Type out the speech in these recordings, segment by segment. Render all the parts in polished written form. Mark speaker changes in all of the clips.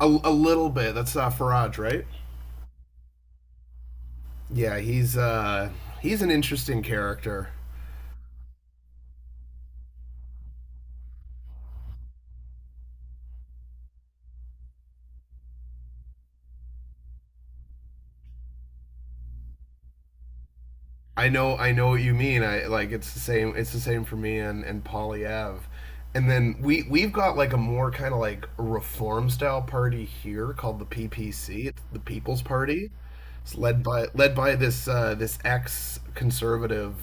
Speaker 1: A little bit. That's Faraj, right? Yeah, he's an interesting character. I know what you mean. I like It's the same for me and Polly Ave. And then we've got like a more kind of like reform style party here called the PPC, it's the People's Party. It's led by this this ex conservative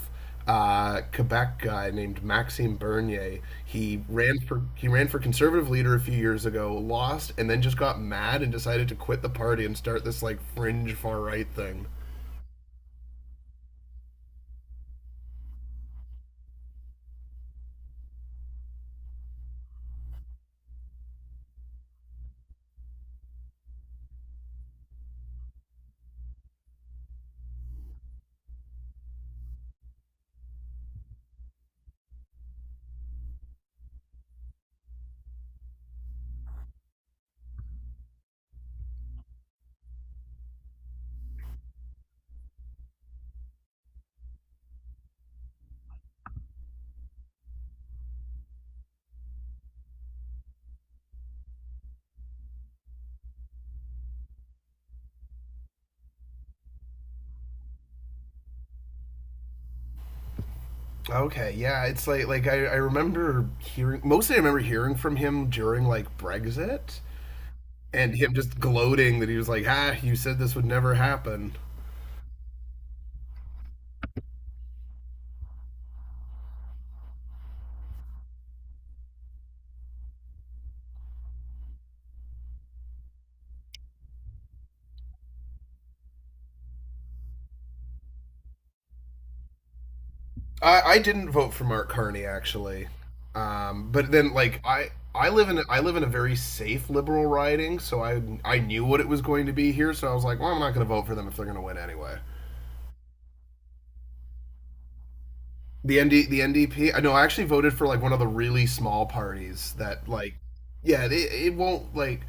Speaker 1: Quebec guy named Maxime Bernier. He ran for conservative leader a few years ago, lost, and then just got mad and decided to quit the party and start this like fringe far right thing. Okay, yeah, it's like I remember hearing mostly I remember hearing from him during like Brexit and him just gloating that he was like, ah, you said this would never happen. I didn't vote for Mark Carney actually, but then like I live in a very safe liberal riding, so I knew what it was going to be here, so I was like, well, I'm not going to vote for them if they're going to win anyway. The NDP. I know I actually voted for like one of the really small parties that yeah, it won't like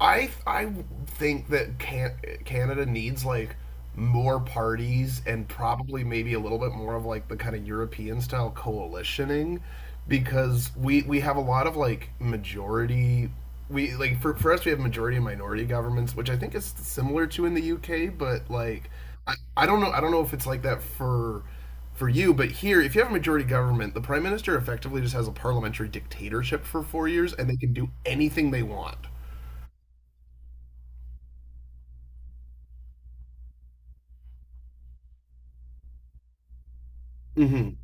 Speaker 1: I think that Canada needs like more parties and probably maybe a little bit more of like the kind of European style coalitioning because we have a lot of like majority we like for us we have majority and minority governments which I think is similar to in the UK but like I don't know if it's like that for you. But here, if you have a majority government, the prime minister effectively just has a parliamentary dictatorship for 4 years, and they can do anything they want. Hmm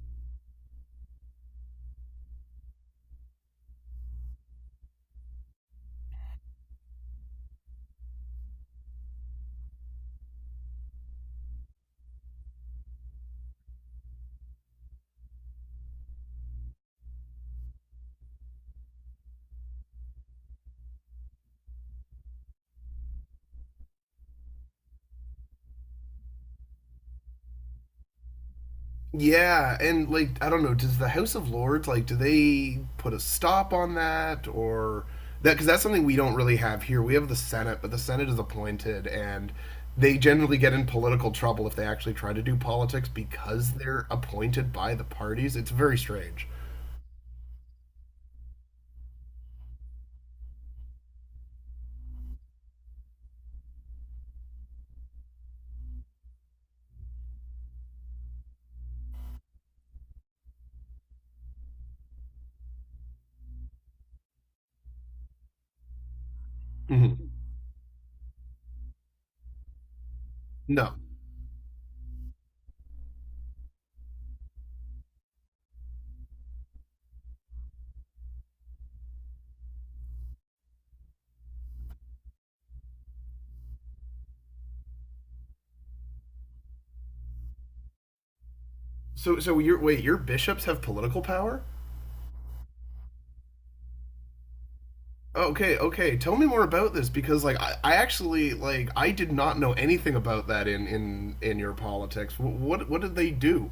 Speaker 1: Yeah, and like I don't know, does the House of Lords like do they put a stop on that or that because that's something we don't really have here. We have the Senate, but the Senate is appointed and they generally get in political trouble if they actually try to do politics because they're appointed by the parties. It's very strange. Hmm No. So so you're wait, your bishops have political power? Okay, okay. Tell me more about this because, like, I actually I did not know anything about that in your politics. What did they do?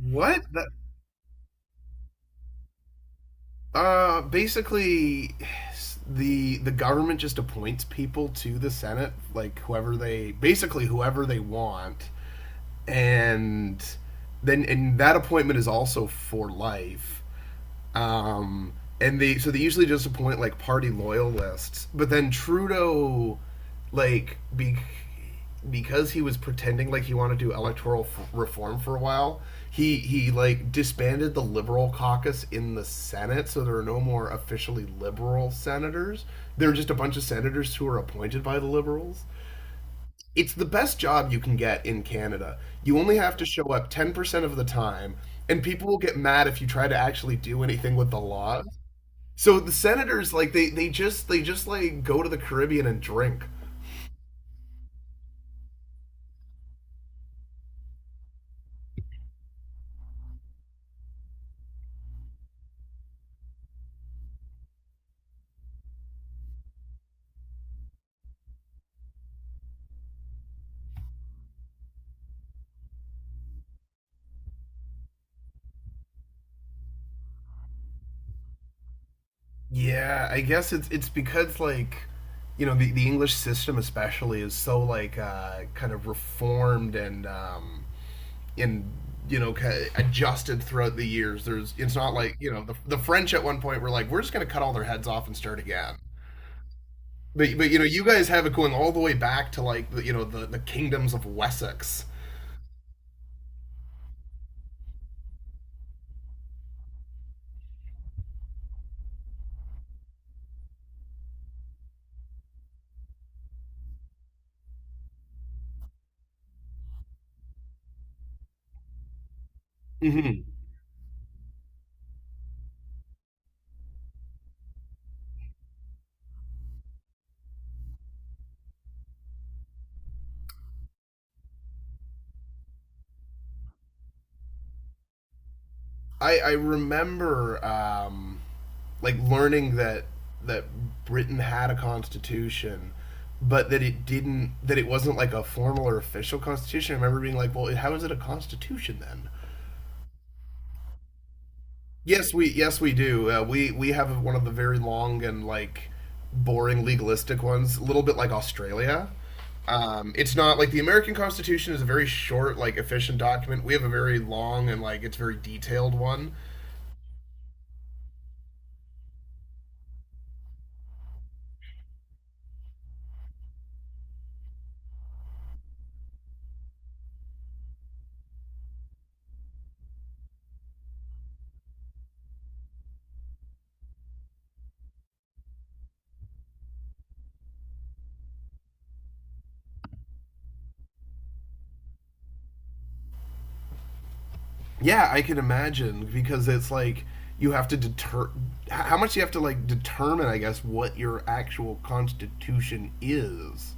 Speaker 1: What? Basically, the government just appoints people to the Senate, like whoever they basically whoever they want, and then and that appointment is also for life. Um, and they so they usually just appoint like party loyalists, but then Trudeau, like be, because he was pretending like he wanted to do electoral reform for a while, he like disbanded the liberal caucus in the Senate, so there are no more officially liberal senators. They are just a bunch of senators who are appointed by the liberals. It's the best job you can get in Canada. You only have to show up 10% of the time, and people will get mad if you try to actually do anything with the laws. So the senators like they just like go to the Caribbean and drink. Yeah, I guess it's because like you know the English system especially is so like kind of reformed and you know kind of adjusted throughout the years. There's It's not like you know the French at one point were like we're just gonna cut all their heads off and start again. But you know, you guys have it going all the way back to like you know the kingdoms of Wessex. Mm-hmm. I remember like learning that Britain had a constitution, but that it didn't that it wasn't like a formal or official constitution. I remember being like, well, how is it a constitution then? Yes, we do. We have one of the very long and like boring legalistic ones, a little bit like Australia. It's not like the American Constitution is a very short, like efficient document. We have a very long and like it's very detailed one. Yeah, I can imagine because it's like you have to deter how much you have to like determine, I guess, what your actual constitution is.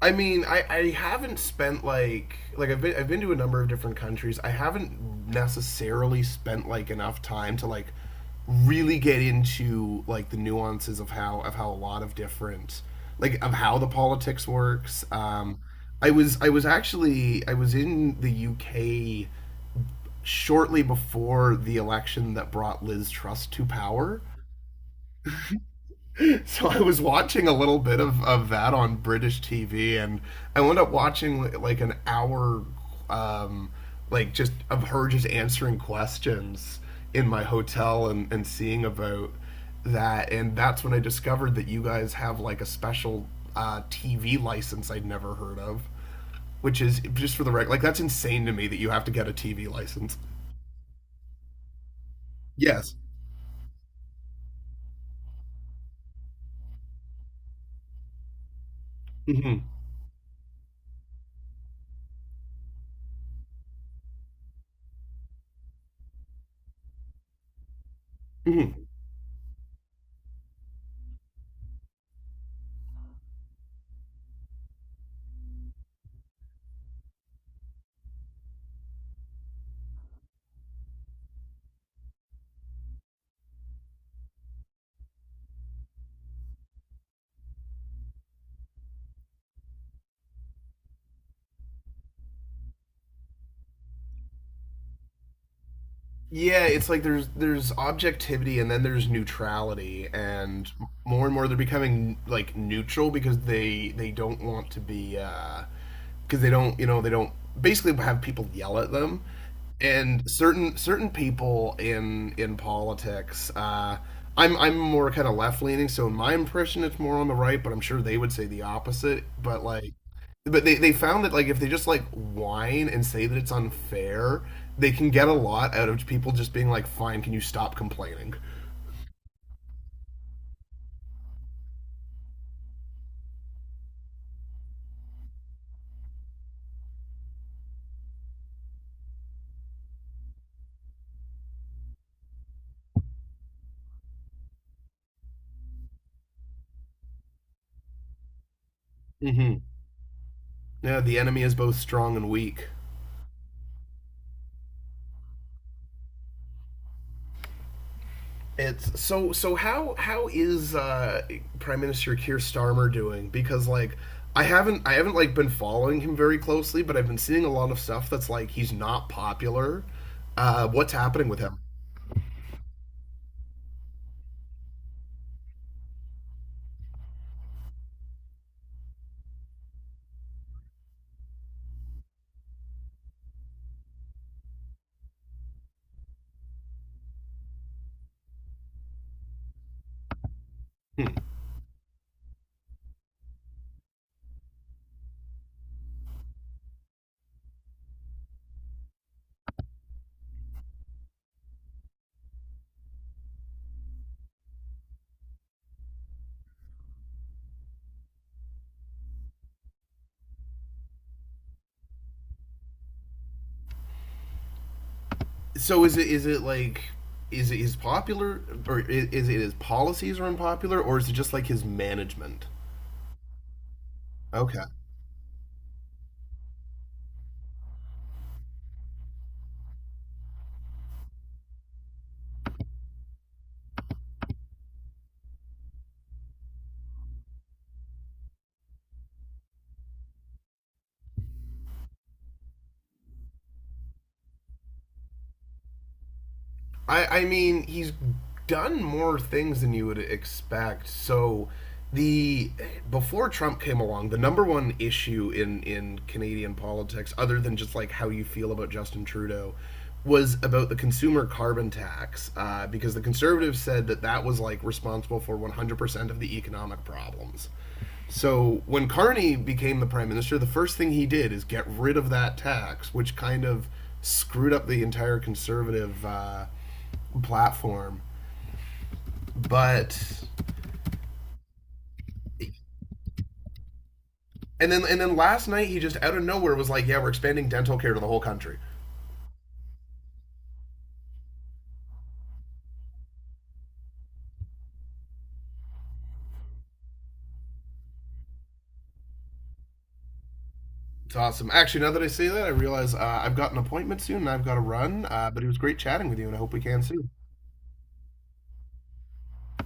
Speaker 1: I mean, I haven't spent like I've been to a number of different countries. I haven't necessarily spent like enough time to like really get into like the nuances of how a lot of different like of how the politics works. I was actually I was in the UK shortly before the election that brought Liz Truss to power. So I was watching a little bit of that on British TV, and I wound up watching like an hour, um, like just of her just answering questions in my hotel and, seeing about that. And that's when I discovered that you guys have like a special TV license I'd never heard of, which is just for the record, like that's insane to me that you have to get a TV license. Yes. hmm hmm yeah, it's like there's objectivity and then there's neutrality, and more they're becoming like neutral because they don't want to be because they don't you know they don't basically have people yell at them, and certain people in politics I'm more kind of left leaning, so in my impression it's more on the right, but I'm sure they would say the opposite, but like but they found that like if they just like whine and say that it's unfair they can get a lot out of people just being like, fine, can you stop complaining. Mm-hmm. Yeah, the enemy is both strong and weak. It's so how is prime minister Keir Starmer doing, because like I haven't like been following him very closely, but I've been seeing a lot of stuff that's like he's not popular. Uh, what's happening with him? Hmm. So is it like is it his popular or is it his policies are unpopular, or is it just like his management? Okay. I mean, he's done more things than you would expect. So the before Trump came along, the number one issue in Canadian politics, other than just like how you feel about Justin Trudeau, was about the consumer carbon tax because the conservatives said that was like responsible for 100% of the economic problems. So when Carney became the prime minister, the first thing he did is get rid of that tax, which kind of screwed up the entire conservative platform. But and then last night he just out of nowhere was like, "Yeah, we're expanding dental care to the whole country." It's awesome. Actually, now that I say that, I realize I've got an appointment soon and I've got to run. But it was great chatting with you, and I hope we can soon.